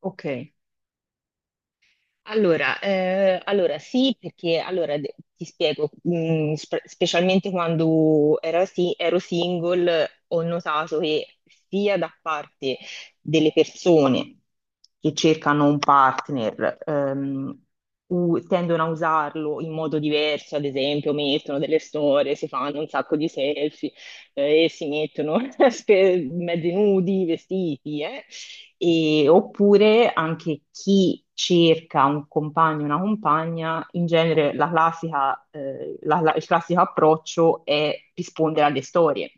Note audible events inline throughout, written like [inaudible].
Ok, allora sì, perché allora, ti spiego, specialmente quando ero single, ho notato che sia da parte delle persone che cercano un partner, tendono a usarlo in modo diverso, ad esempio, mettono delle storie, si fanno un sacco di selfie, e si mettono [laughs] mezzi nudi, vestiti, eh. Oppure anche chi cerca un compagno, una compagna, in genere la classica, il classico approccio è rispondere alle storie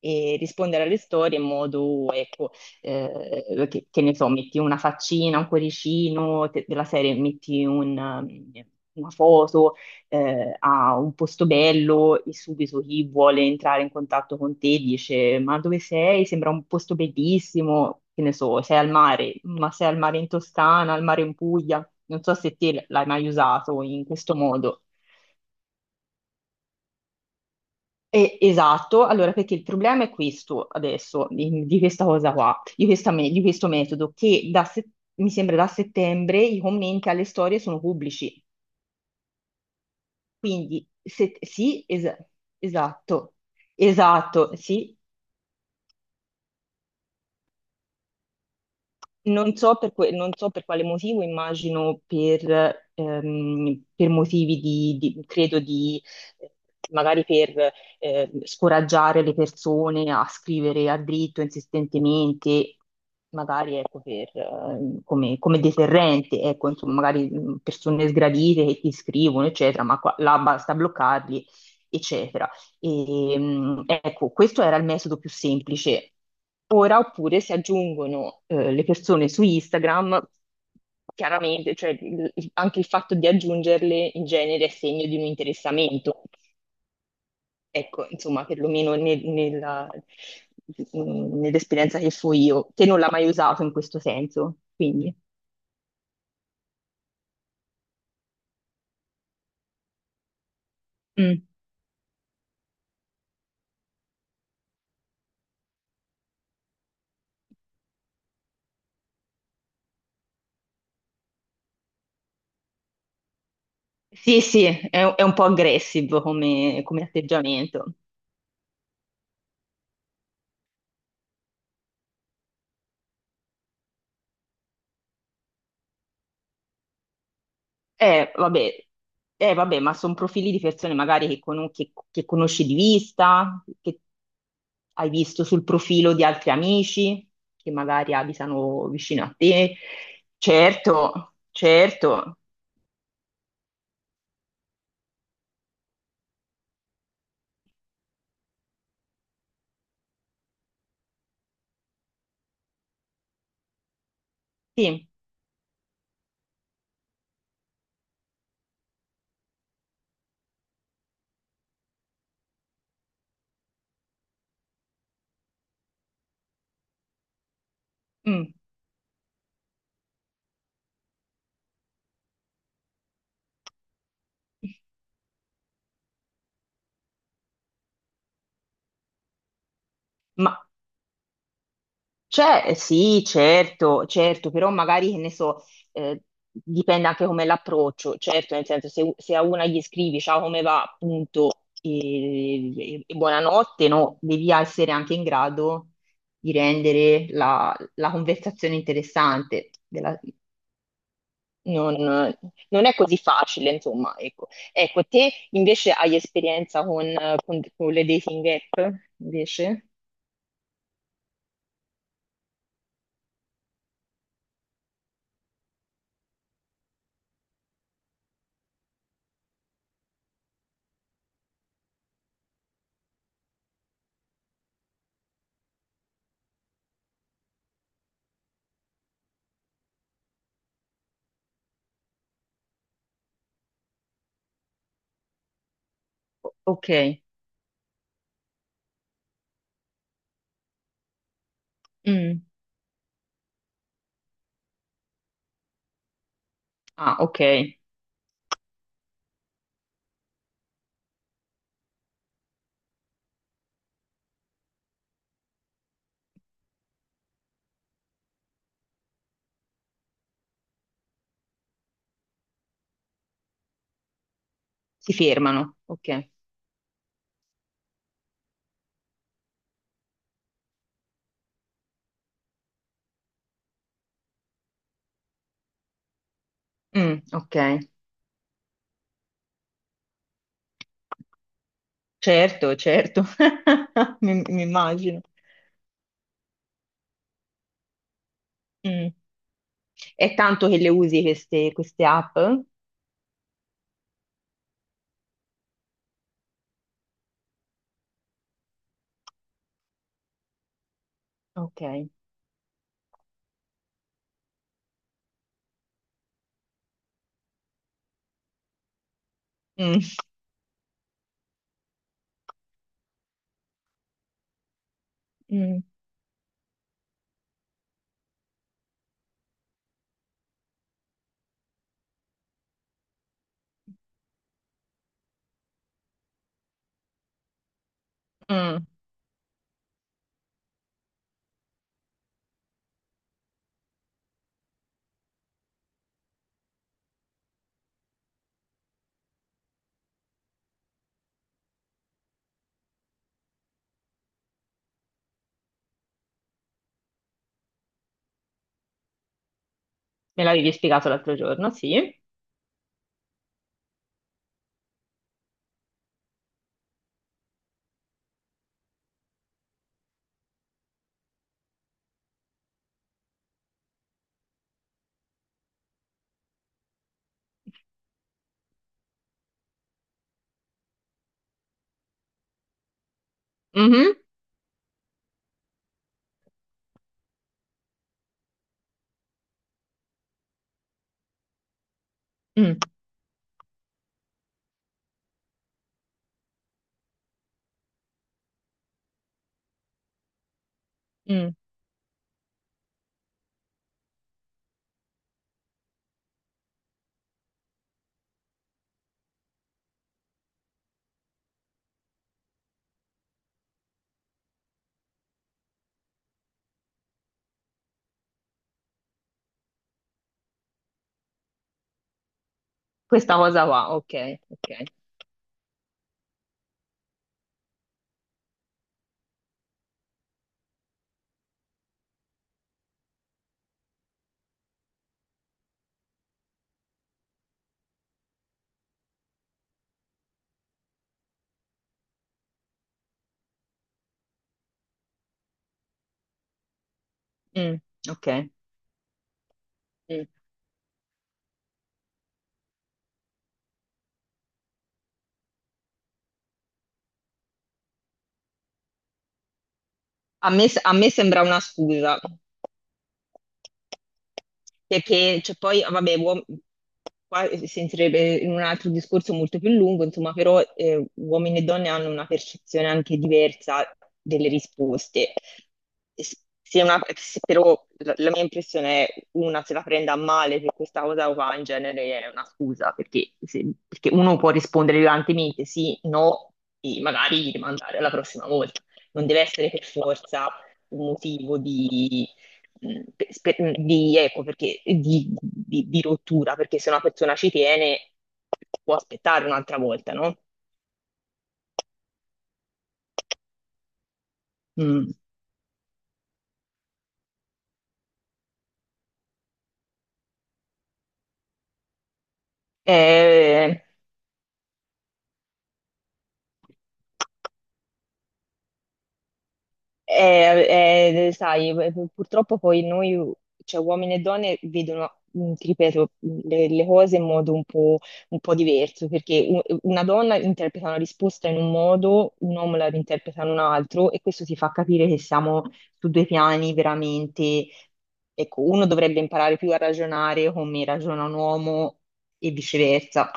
e rispondere alle storie in modo, ecco, che ne so, metti una faccina, un cuoricino della serie, metti un, una foto a un posto bello e subito chi vuole entrare in contatto con te dice: Ma dove sei? Sembra un posto bellissimo. Che ne so, sei al mare, ma sei al mare in Toscana, al mare in Puglia. Non so se te l'hai mai usato in questo modo. Esatto, allora perché il problema è questo adesso, di questa cosa qua, di questo metodo, che da se- mi sembra da settembre i commenti alle storie sono pubblici, quindi sì, esatto, esatto, sì. Non so per quale motivo, immagino per motivi di, credo di, eh, magari per scoraggiare le persone a scrivere a dritto insistentemente, magari ecco, per, come deterrente, ecco, insomma, magari persone sgradite che ti scrivono, eccetera, ma qua, là basta bloccarli, eccetera. E, ecco, questo era il metodo più semplice. Ora, oppure si aggiungono le persone su Instagram, chiaramente, cioè, anche il fatto di aggiungerle in genere è segno di un interessamento. Ecco, insomma, perlomeno nell'esperienza che fui io, che non l'ha mai usato in questo senso. Quindi, mm. Sì, sì, è un po' aggressive come atteggiamento. Vabbè, vabbè, ma sono profili di persone magari che conosci di vista, che hai visto sul profilo di altri amici, che magari abitano vicino a te. Certo, certo, sì. Mm. Ma C'è, sì, certo, certo, però magari, che ne so, eh, dipende anche come l'approccio, certo, nel senso, se a una gli scrivi ciao come va, appunto, e buonanotte, no, devi essere anche in grado di rendere la conversazione interessante. Non, non è così facile, insomma, ecco. Ecco, te invece hai esperienza con le dating app, invece? Ok. Mm. Ah, ok. Si fermano, ok. Mm, ok, certo, certo, [laughs] mi immagino. Mm. È tanto che le usi queste, queste app? Ok. Mm, mm, mm. Me l'avevi spiegato l'altro giorno, sì. Mhm, mm, mm. Questa cosa qua, ok, ok. Mm, ok. Mm. A me sembra una scusa, perché cioè, poi, vabbè, qua si entrerebbe in un altro discorso molto più lungo, insomma, però uomini e donne hanno una percezione anche diversa delle risposte. S- Se però la mia impressione è una se la prenda a male per questa cosa qua in genere è una scusa, perché, se- perché uno può rispondere violentemente sì, no, e magari rimandare alla prossima volta, non deve essere per forza un motivo di, di, ecco, perché, di rottura, perché se una persona ci tiene può aspettare un'altra volta, no? Mm. Eh, Sai, purtroppo poi noi, cioè uomini e donne, vedono, ti ripeto, le cose in modo un po' diverso, perché una donna interpreta una risposta in un modo, un uomo la interpreta in un altro, e questo ti fa capire che siamo su due piani veramente. Ecco, uno dovrebbe imparare più a ragionare come ragiona un uomo e viceversa.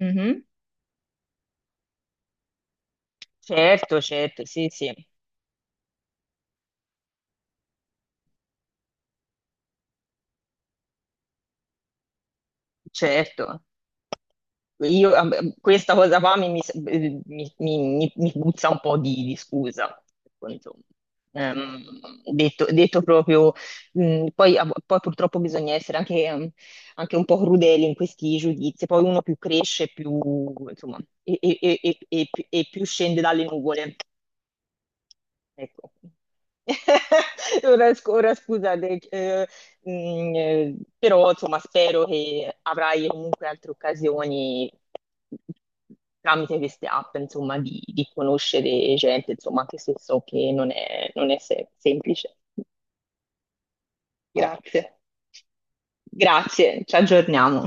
Mhm. Certo, certo, sì, sì, certo. Io, questa cosa qua mi puzza un po' di scusa. Insomma. Ehm, detto proprio, poi purtroppo bisogna essere anche un po' crudeli in questi giudizi. Poi uno più cresce, più, insomma, più scende dalle nuvole. Ecco. [laughs] Ora scusa, però insomma spero che avrai comunque altre occasioni tramite queste app, insomma, di conoscere gente, insomma, anche se so che non è semplice. Grazie. Grazie, ci aggiorniamo.